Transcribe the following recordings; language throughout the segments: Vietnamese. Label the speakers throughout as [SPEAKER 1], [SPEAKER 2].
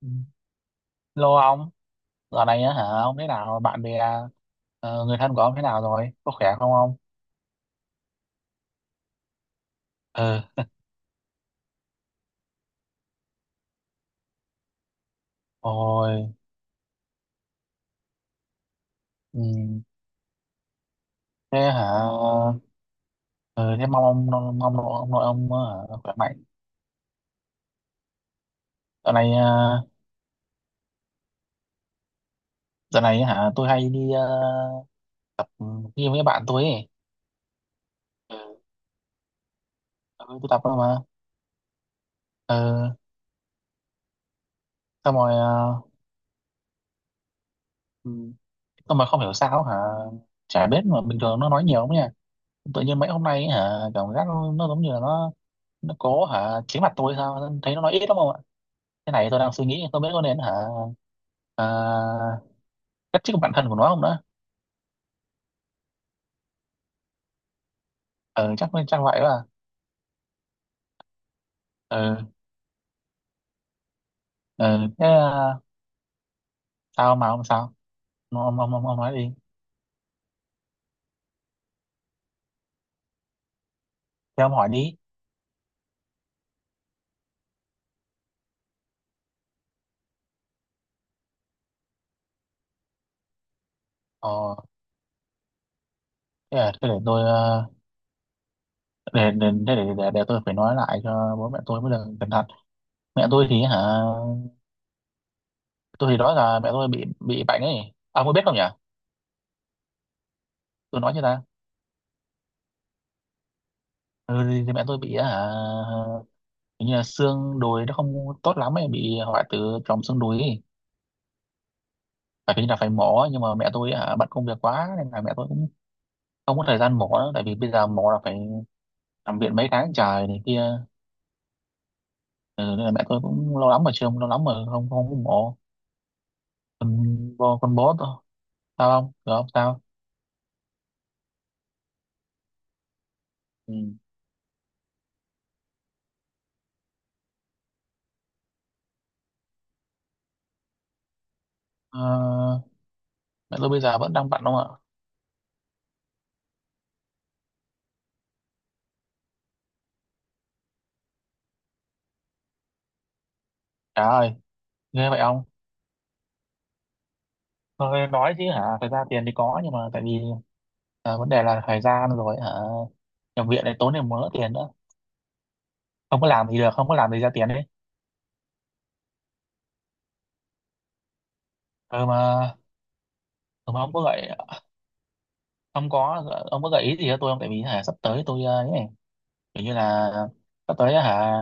[SPEAKER 1] Ừ. Lô ông, dạo này á hả, ông thế nào, bạn bè, người thân của ông thế nào rồi, có khỏe không ông? Ờ, ôi, ừ, thế hả, ờ, thế mong ông, nội ông hả, khỏe mạnh. Dạo này, dạo này hả, tôi hay đi tập gym với bạn tôi ấy. Ừ, tôi tập thôi mà. Ờ, xong rồi, ờ, ừ, xong rồi không hiểu sao hả, chả biết mà bình thường nó nói nhiều lắm nha. Tự nhiên mấy hôm nay hả, cảm giác nó giống như là nó có hả chính mặt tôi sao thấy nó nói ít lắm không ạ, cái này tôi đang suy nghĩ tôi biết có nên hả, à, cách chức bản thân của nó không đó. Ừ chắc chắc vậy. Là ừ, ừ, thế à, sao mà ông sao ông nói đi. Thế ông hỏi đi. Ờ thế để, thế để tôi để, thế để tôi phải nói lại cho bố mẹ tôi mới được cẩn thận. Mẹ tôi thì hả, tôi thì đó là mẹ tôi bị bệnh ấy, ông có biết không nhỉ? Tôi nói cho ta. Ừ, thì mẹ tôi bị hả, hình như là xương đùi nó không tốt lắm ấy, bị hoại tử tròng xương đùi ấy. Phải hình như là phải mổ, nhưng mà mẹ tôi hả bận công việc quá nên là mẹ tôi cũng không có thời gian mổ nữa. Tại vì bây giờ mổ là phải nằm viện mấy tháng trời này kia. Ừ, nên là mẹ tôi cũng lâu lắm mà chưa, lâu lắm mà không không có mổ. Còn bố tôi sao không được không sao. Ừ. Ờ, mẹ tôi bây giờ vẫn đang bận không ạ. Trời ơi, ghê vậy không? Tôi nói chứ hả, thời gian tiền thì có, nhưng mà tại vì à, vấn đề là thời gian rồi hả, nhập viện này tốn thêm mớ tiền nữa. Không có làm thì được, không có làm thì ra tiền đấy. Ừ mà ừ mà ông có gợi, ông có, ông có gợi ý gì cho tôi không? Tại vì hả sắp tới tôi ấy này, kiểu như là sắp tới hả,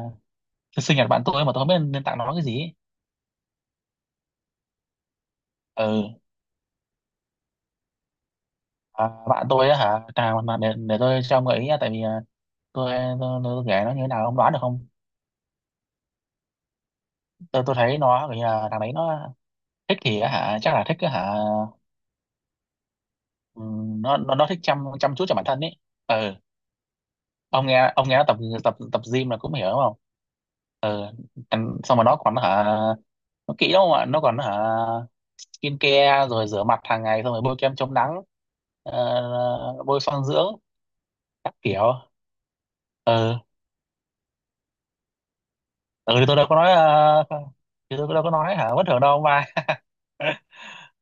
[SPEAKER 1] sinh nhật bạn tôi mà tôi không biết nên tặng nó cái gì ấy. Ừ, à, bạn tôi á hả, à, mà để tôi cho ông gợi ý nha, tại vì tôi tôi kể nó như thế nào ông đoán được không? Tôi thấy nó kiểu như là thằng đấy nó thích thì á hả, chắc là thích á hả. Ừm, nó thích chăm chăm chút cho bản thân ấy. Ừ, ông nghe, nó tập, tập gym là cũng hiểu đúng không. Ờ, em xong rồi nó còn hả, nó kỹ lắm mà nó còn hả, skin care rồi rửa mặt hàng ngày, xong rồi bôi kem chống nắng, ờ, bôi son dưỡng các kiểu. Ờ, ừ, thì tôi đâu có nói thì tôi đâu có nói hả bất thường đâu ông ba.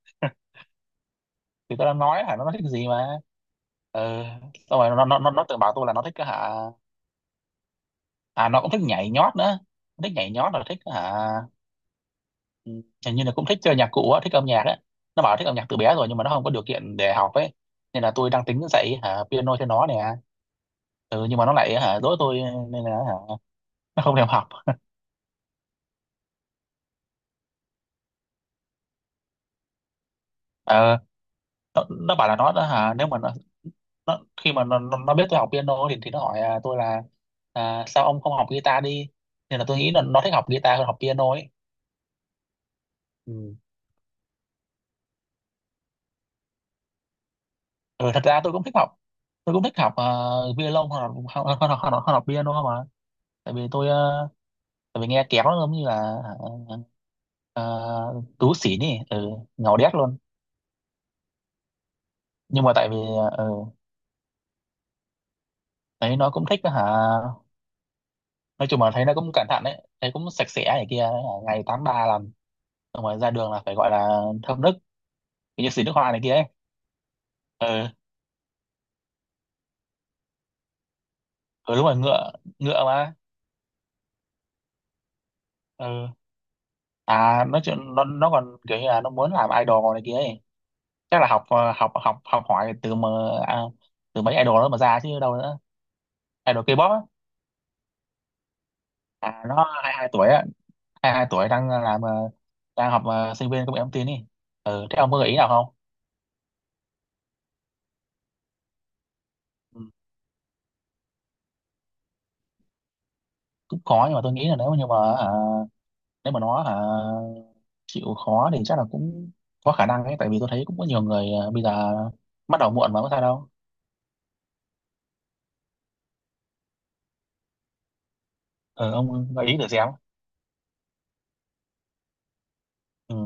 [SPEAKER 1] Thì tôi đã nói hả, nó thích gì mà. Ờ, xong rồi nó từng bảo tôi là nó thích cái hả, à nó cũng thích nhảy nhót nữa. Nó thích nhảy nhót rồi thích hả. Ừ, hình như là cũng thích chơi nhạc cụ á, thích âm nhạc á. Nó bảo thích âm nhạc từ bé rồi nhưng mà nó không có điều kiện để học ấy. Nên là tôi đang tính dạy hả, piano cho nó nè. Ừ, nhưng mà nó lại hả, dỗi tôi, nên là hả, nó không thèm học. Ờ, nó bảo là nó hả, nếu mà nó khi mà nó biết tôi học piano thì nó hỏi à, tôi là, à, sao ông không học guitar đi. Nên là tôi nghĩ là nó thích học guitar hơn học piano ấy. Ừ. Ừ, thật ra tôi cũng thích học, tôi cũng thích học violon hơn, hơn học piano mà. Tại vì tôi tại vì nghe kéo nó giống như là, ờ, tú xỉn ấy, ừ, ngầu đét luôn. Nhưng mà tại vì ừ, thấy nó cũng thích hả, nói chung là thấy nó cũng cẩn thận đấy, thấy cũng sạch sẽ này kia. Ngày 8/3 làm xong rồi ra đường là phải gọi là thơm nức, như xịt nước hoa này kia ấy. Ừ, ừ đúng rồi ngựa, ngựa mà. Ừ. À, nói chuyện nó còn kiểu như là nó muốn làm idol này kia ấy. Chắc là học học hỏi từ mà, à, từ mấy idol đó mà ra chứ đâu nữa. Idol K-pop á. À nó 22 tuổi, 22 tuổi đang làm đang học sinh viên công nghệ thông tin đi. Ừ, thế ông có gợi ý nào không? Ừ. Cũng khó nhưng mà tôi nghĩ là nếu mà, nhưng mà hả, nếu mà nó hả, chịu khó thì chắc là cũng có khả năng ấy. Tại vì tôi thấy cũng có nhiều người bây giờ bắt đầu muộn mà có sao đâu. Ừ, ông gợi ý thử xem. Ừ.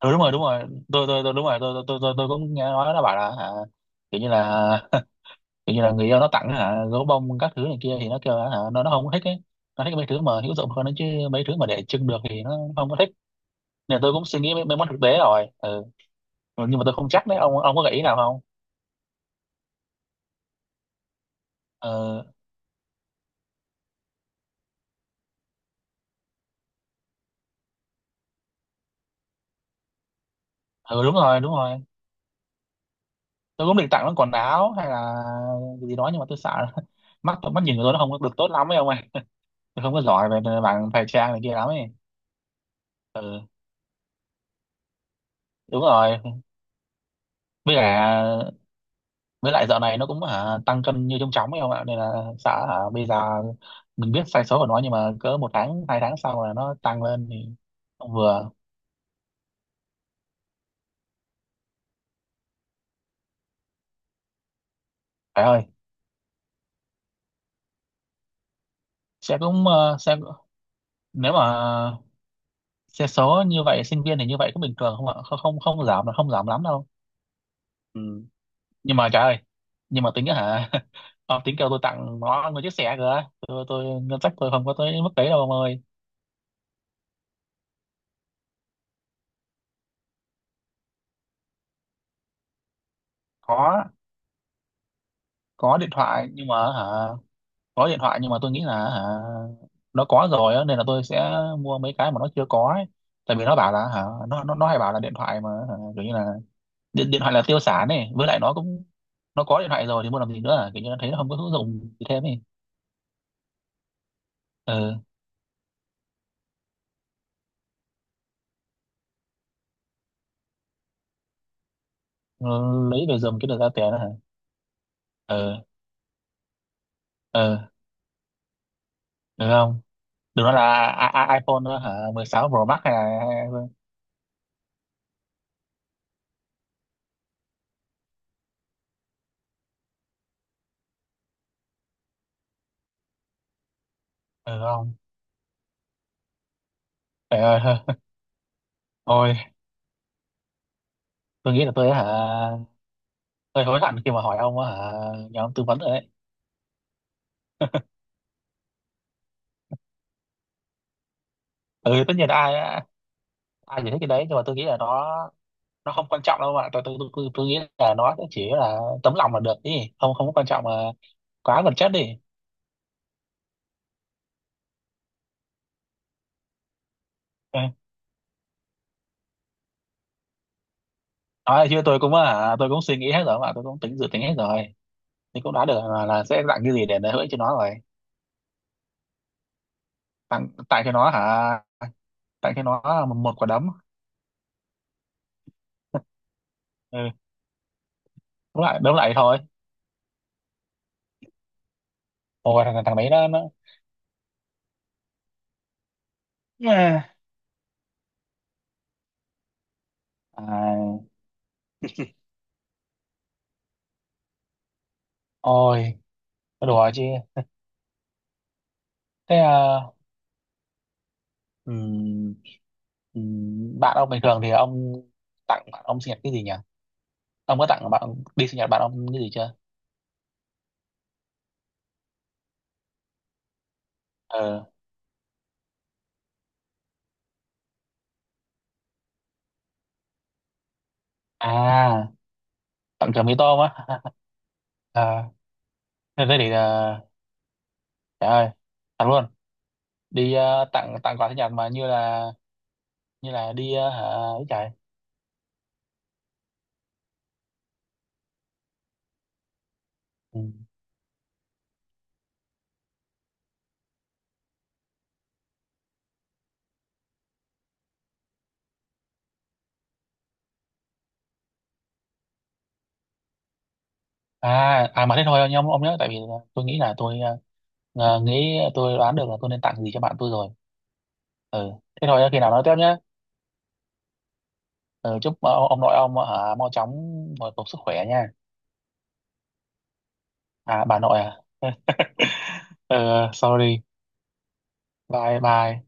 [SPEAKER 1] Ừ đúng rồi, đúng rồi, tôi đúng rồi, tôi cũng nghe nói nó bảo là hả, kiểu như là kiểu như là người yêu nó tặng hả, gấu bông các thứ này kia thì nó kêu là hả, nó không thích ấy. Nó thích mấy thứ mà hữu dụng hơn đấy chứ. Mấy thứ mà để trưng được thì nó không có thích. Nè tôi cũng suy nghĩ mấy món thực tế rồi. Ừ. Nhưng mà tôi không chắc đấy, ông có gợi ý nào không? Ừ. Ừ đúng rồi, đúng rồi, tôi cũng định tặng nó quần áo hay là cái gì đó, nhưng mà tôi sợ mắt mắt nhìn của tôi nó không có được tốt lắm ấy ông ơi. Tôi không có giỏi về mảng thời trang này kia lắm ấy. Ừ. Đúng rồi. Với cả, với lại dạo này nó cũng hả, tăng cân như trông chóng ấy ông ạ, nên là sợ hả, bây giờ mình biết sai số của nó nhưng mà cỡ 1 tháng 2 tháng sau là nó tăng lên thì không vừa. Phải ơi, sẽ cũng ờ, sẽ, nếu mà xe số như vậy sinh viên thì như vậy có bình thường không ạ? Không không, không giảm là không giảm lắm đâu. Ừ. Nhưng mà trời ơi, nhưng mà tính á hả ông tính kêu tôi tặng nó một chiếc xe kìa. Tôi ngân sách tôi không có tới mức đấy đâu ông ơi. có có điện thoại nhưng mà hả, có điện thoại nhưng mà tôi nghĩ là hả nó có rồi á, nên là tôi sẽ mua mấy cái mà nó chưa có ấy. Tại vì nó bảo là hả, nó hay bảo là điện thoại mà hả, kiểu như là điện thoại là tiêu sản này, với lại nó cũng, nó có điện thoại rồi thì mua làm gì nữa à? Kiểu như là thấy nó không có hữu dụng gì thêm ấy. Ừ. Ờ, lấy về dùng cái được ra tiền đó hả. Ờ. Ờ, được không? Đừng nói là I I iPhone nữa hả, 16 Pro Max hay là, được không? Trời ơi thôi. Tôi nghĩ là tôi hả hơi hối hận khi mà hỏi ông á hả, nhờ ông tư vấn rồi đấy. Ừ tất nhiên là ai, ai giải thích cái đấy, nhưng mà tôi nghĩ là nó không quan trọng đâu ạ. Tôi nghĩ là nó cũng chỉ là tấm lòng là được đi, không, không có quan trọng mà, quá vật chất đi. Ừ. Nói chứ tôi cũng hả, tôi cũng suy nghĩ hết rồi mà, tôi cũng tính dự tính hết rồi. Thì cũng đã được là sẽ tặng cái gì để hỗ cho nó rồi. Tặng tặng cho nó hả, tặng cho nó một quả đấm. Ừ, đúng lại thôi. Ôi thằng thằng đấy nó nó. Yeah. À, ôi nó đùa chứ. Thế à, ừm, bạn ông bình thường thì ông tặng bạn ông sinh nhật cái gì nhỉ? Ông có tặng bạn đi sinh nhật bạn ông cái gì chưa? Ờ, à tặng mì tôm á? À, thế thế thì à, trời ơi, thật luôn? Đi à, tặng tặng quà sinh nhật mà như là, như là đi à, hả, ấy trời. Ừ. À, à mà thế thôi nhá, ông nhớ tại vì tôi nghĩ là tôi nghĩ, tôi đoán được là tôi nên tặng gì cho bạn tôi rồi. Ừ, thế thôi nhá, khi nào nói tiếp nhé. Ừ, chúc ông nội ông ở mau chóng hồi phục sức khỏe nha. À bà nội à. Ừ, sorry. Bye bye.